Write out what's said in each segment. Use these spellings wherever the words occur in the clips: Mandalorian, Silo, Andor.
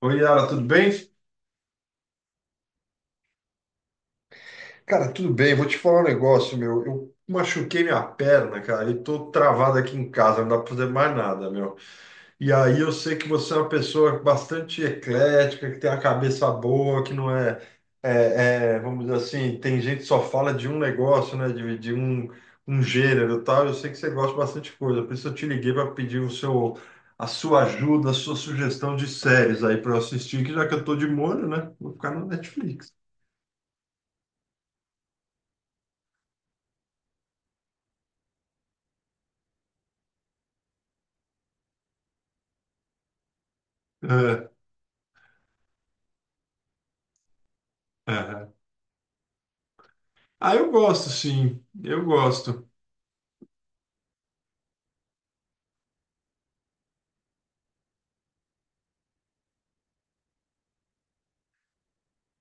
Oi, Yara, tudo bem? Cara, tudo bem. Vou te falar um negócio, meu. Eu machuquei minha perna, cara, e tô travado aqui em casa, não dá pra fazer mais nada, meu. E aí eu sei que você é uma pessoa bastante eclética, que tem a cabeça boa, que não é, vamos dizer assim, tem gente que só fala de um negócio, né, de um gênero e tal. Eu sei que você gosta bastante de coisa, por isso eu te liguei para pedir a sua ajuda, a sua sugestão de séries aí para eu assistir, que já que eu tô de molho, né, vou ficar no Netflix. É, aham. Ah, eu gosto, sim. Eu gosto.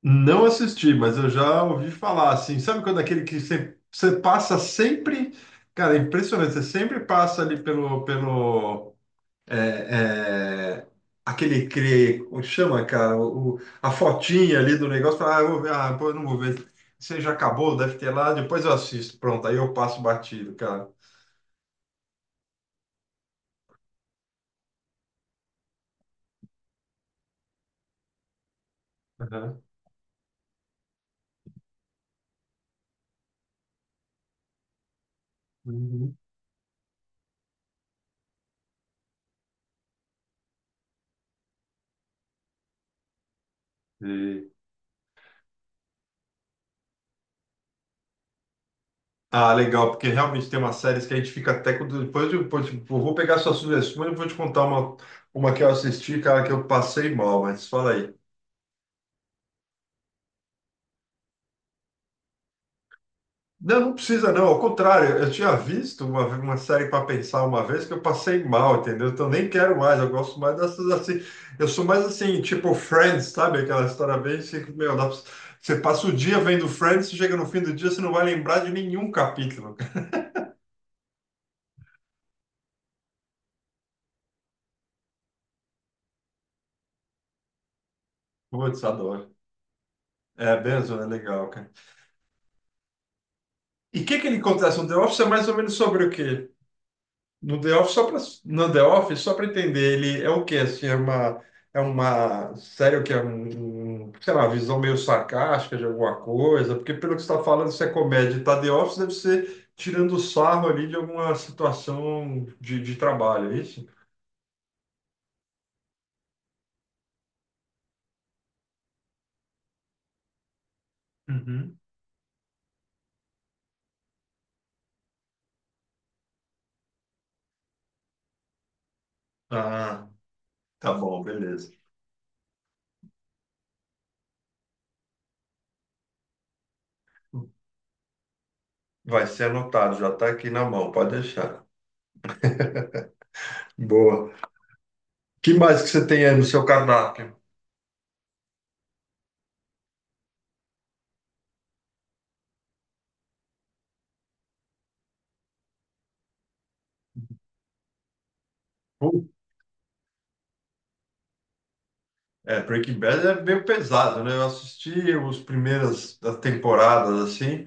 Não assisti, mas eu já ouvi falar, assim. Sabe quando aquele que você passa sempre. Cara, é impressionante. Você sempre passa ali pelo, é, é, como chama, cara, a fotinha ali do negócio, fala, ah, eu vou ver, ah, pô, eu não vou ver. Você já acabou, deve ter lá, depois eu assisto. Pronto, aí eu passo batido, cara. Aham. Uhum. Ah, legal, porque realmente tem umas séries que a gente fica até quando. Depois eu, depois, tipo, eu vou pegar suas sugestões e vou te contar uma que eu assisti, cara, que eu passei mal, mas fala aí. Não, não precisa, não. Ao contrário, eu tinha visto uma série para pensar uma vez que eu passei mal, entendeu? Então nem quero mais, eu gosto mais dessas assim. Eu sou mais assim, tipo Friends, sabe? Aquela história bem assim, que, meu, você passa o dia vendo Friends, chega no fim do dia, você não vai lembrar de nenhum capítulo. Cara. Putz, adoro. É, Benzo é legal, cara. E o que que ele acontece no The Office é mais ou menos sobre o quê? No The Office, só para No The Office, só para entender, ele é o quê? Assim, é uma série que é sei lá, visão meio sarcástica de alguma coisa, porque pelo que você está falando, se é comédia e tá The Office, deve ser tirando sarro ali de alguma situação de trabalho, é isso? Uhum. Ah, tá bom, beleza. Vai ser anotado, já está aqui na mão, pode deixar. Boa. Que mais que você tem aí no seu cardápio? É, Breaking Bad é meio pesado, né? Eu assisti as primeiras das temporadas, assim,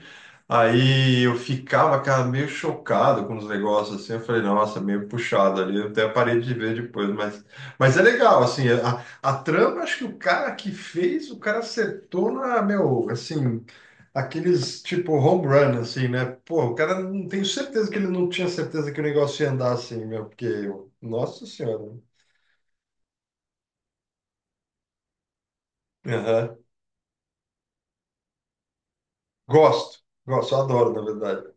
aí eu ficava, cara, meio chocado com os negócios, assim, eu falei, nossa, meio puxado ali, eu até parei de ver depois, mas é legal, assim, a trama, acho que o cara que fez, o cara acertou na, meu, assim, aqueles, tipo, home run, assim, né? Pô, o cara, não tenho certeza que ele não tinha certeza que o negócio ia andar assim, meu, porque, nossa senhora. Aham. Gosto, gosto, adoro, na verdade.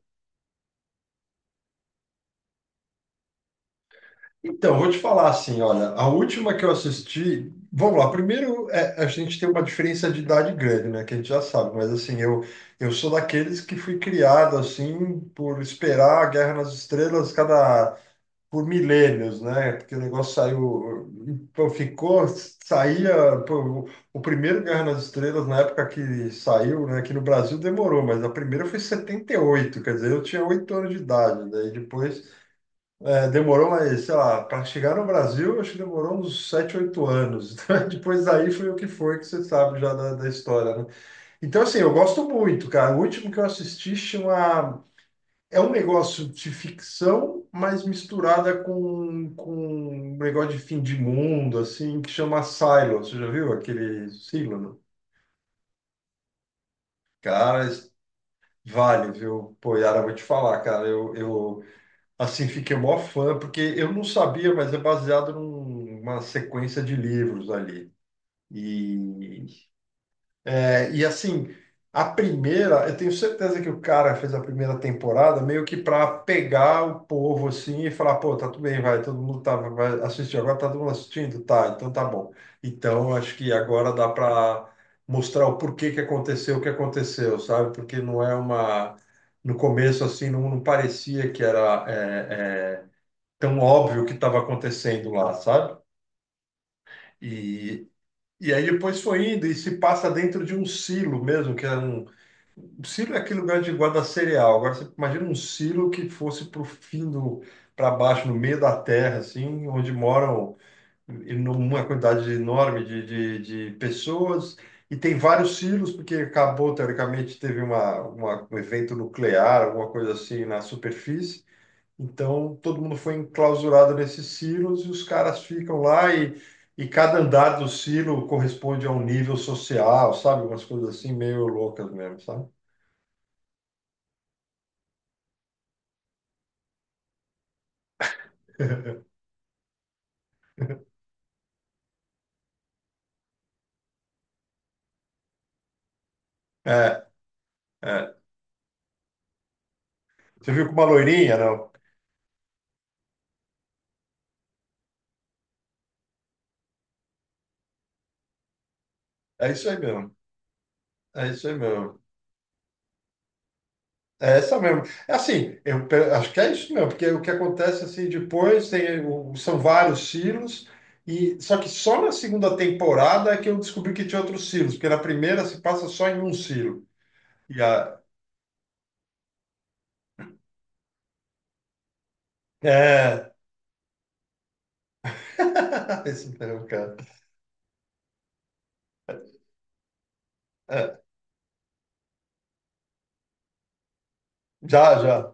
Então, vou te falar assim, olha, a última que eu assisti, vamos lá, primeiro é, a gente tem uma diferença de idade grande, né, que a gente já sabe, mas assim, eu sou daqueles que fui criado, assim, por esperar a Guerra nas Estrelas por milênios, né, porque o negócio saiu, pô, ficou, saía, pô, o primeiro Guerra nas Estrelas, na época que saiu, né, aqui no Brasil demorou, mas a primeira foi em setenta e oito, quer dizer, eu tinha 8 anos de idade, daí depois. É, demorou, mas sei lá, para chegar no Brasil, acho que demorou uns 7, 8 anos. Depois daí foi o que foi, que você sabe já da história, né? Então, assim, eu gosto muito, cara. O último que eu assisti chama. É um negócio de ficção, mas misturada com um negócio de fim de mundo, assim, que chama Silo. Você já viu aquele Silo? Cara, vale, viu? Pô, Yara, eu vou te falar, cara. Eu Assim, fiquei mó fã, porque eu não sabia, mas é baseado numa sequência de livros ali. E, assim, a primeira, eu tenho certeza que o cara fez a primeira temporada meio que para pegar o povo assim e falar, pô, tá tudo bem, vai, todo mundo tá, vai assistir, agora tá todo mundo assistindo? Tá, então tá bom. Então, acho que agora dá para mostrar o porquê que aconteceu o que aconteceu, sabe? Porque não é uma. No começo, assim, não, não parecia que era tão óbvio o que estava acontecendo lá, sabe? E, e aí depois foi indo e se passa dentro de um silo mesmo, que é um. O silo é aquele lugar de guarda cereal. Agora você imagina um silo que fosse para o fim do, para baixo, no meio da terra, assim, onde moram uma quantidade enorme de pessoas. E tem vários silos, porque acabou, teoricamente, teve um evento nuclear, alguma coisa assim na superfície. Então, todo mundo foi enclausurado nesses silos e os caras ficam lá e cada andar do silo corresponde a um nível social, sabe? Umas coisas assim meio loucas mesmo, sabe? É, é. Você viu com uma loirinha, não? É isso aí mesmo. É isso aí mesmo. É essa mesmo. É assim, acho que é isso mesmo, porque o que acontece assim depois tem, são vários silos e só que só na segunda temporada é que eu descobri que tinha outros silos, porque na primeira se passa só em um silo. E a, é, Esse não, cara. É. Já, já.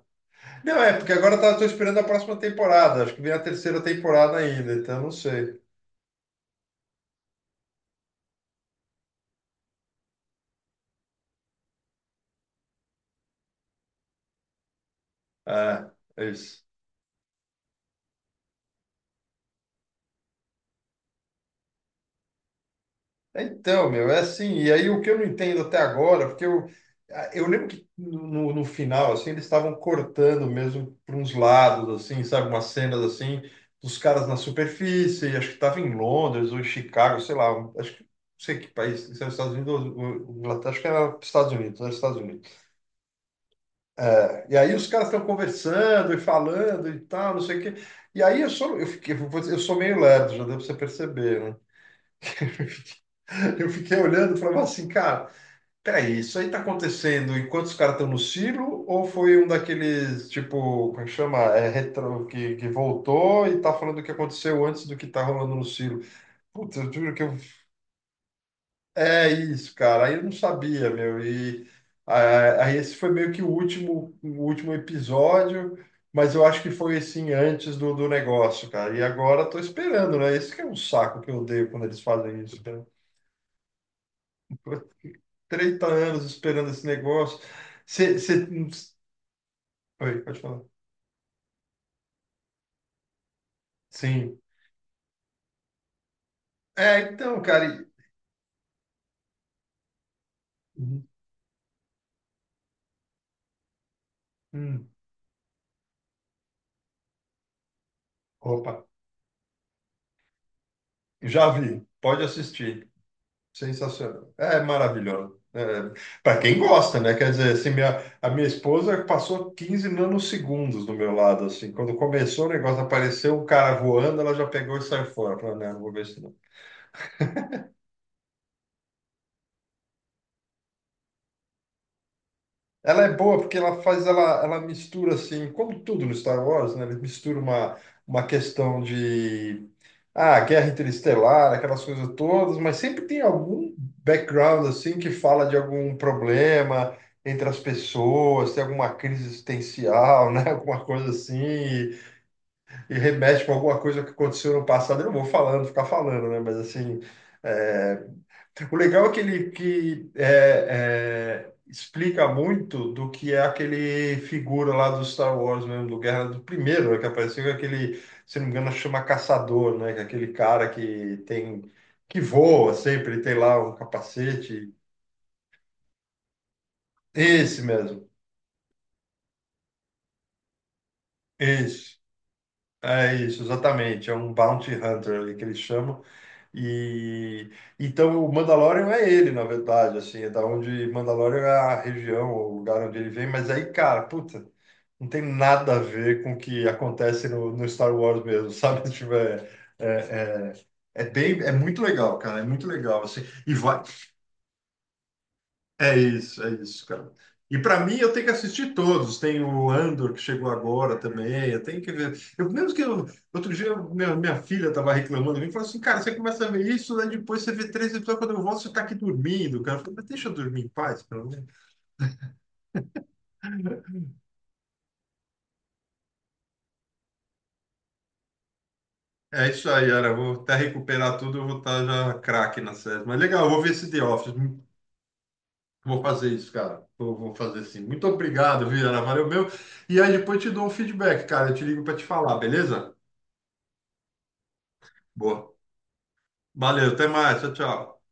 Não, é, porque agora tá, tô esperando a próxima temporada. Acho que vem a terceira temporada ainda, então não sei. É, é isso. Então, meu, é assim. E aí o que eu não entendo até agora, porque eu lembro que no final, assim, eles estavam cortando mesmo para uns lados, assim, sabe? Umas cenas assim, dos caras na superfície. Acho que tava em Londres ou em Chicago, sei lá. Acho que não sei que país, se era os Estados Unidos ou Inglaterra, acho que era Estados Unidos, era Estados Unidos. E aí os caras estão conversando e falando e tal, não sei o quê. E aí eu sou meio lerdo, já deu para você perceber, né? Eu fiquei olhando e falava assim, cara, peraí, isso aí tá acontecendo enquanto os caras estão no silo ou foi um daqueles, tipo, como é que chama? É, retro, que voltou e tá falando o que aconteceu antes do que tá rolando no silo? Putz, eu juro que eu. É isso, cara. Aí eu não sabia, meu. E ah, aí esse foi meio que o último episódio, mas eu acho que foi assim antes do negócio, cara. E agora tô esperando, né? Esse que é um saco que eu odeio quando eles fazem isso, cara. 30 anos esperando esse negócio. Você, você. Oi, pode falar. Sim. É, então, cara. Hum, hum. Opa, já vi. Pode assistir. Sensacional. É maravilhoso. Para quem gosta, né? Quer dizer, assim, a minha esposa passou 15 nanosegundos do meu lado, assim. Quando começou o negócio, apareceu um cara voando, ela já pegou e saiu fora. Falei, não, não vou ver isso não. Ela é boa porque ela faz, ela mistura, assim, como tudo no Star Wars, né? Ele mistura uma questão de, ah, Guerra Interestelar, aquelas coisas todas, mas sempre tem algum background assim que fala de algum problema entre as pessoas, tem alguma crise existencial, né? Alguma coisa assim, e remete com alguma coisa que aconteceu no passado. Eu não vou falando, ficar falando, né? Mas assim, é, o legal é que ele que, explica muito do que é aquele figura lá do Star Wars mesmo, do Guerra do Primeiro, né, que apareceu com aquele, se não me engano, chama Caçador, né? Que é aquele cara que tem que voa sempre, ele tem lá um capacete. Esse mesmo, esse. É isso, exatamente. É um Bounty Hunter ali que eles chamam. E então o Mandalorian é ele, na verdade, assim, é da onde Mandalorian é a região, o lugar onde ele vem, mas aí, cara, puta, não tem nada a ver com o que acontece no Star Wars mesmo, sabe? Tipo, é, é bem, é muito legal, cara, é muito legal, assim. E vai, é isso, cara. E para mim, eu tenho que assistir todos. Tem o Andor, que chegou agora também. Eu tenho que ver. Eu, mesmo que eu, outro dia, minha filha estava reclamando. Me falou assim: cara, você começa a ver isso, né? Depois você vê três episódios. Quando eu volto, você está aqui dormindo, cara. Eu falei, mas deixa eu dormir em paz, pelo menos. É isso aí, Ara. Eu vou até recuperar tudo. Eu vou estar já craque na série. Mas legal, eu vou ver esse The Office. Vou fazer isso, cara. Vou fazer sim. Muito obrigado, viu, Ara? Valeu meu. E aí depois eu te dou um feedback, cara. Eu te ligo para te falar, beleza? Boa. Valeu, até mais. Tchau, tchau.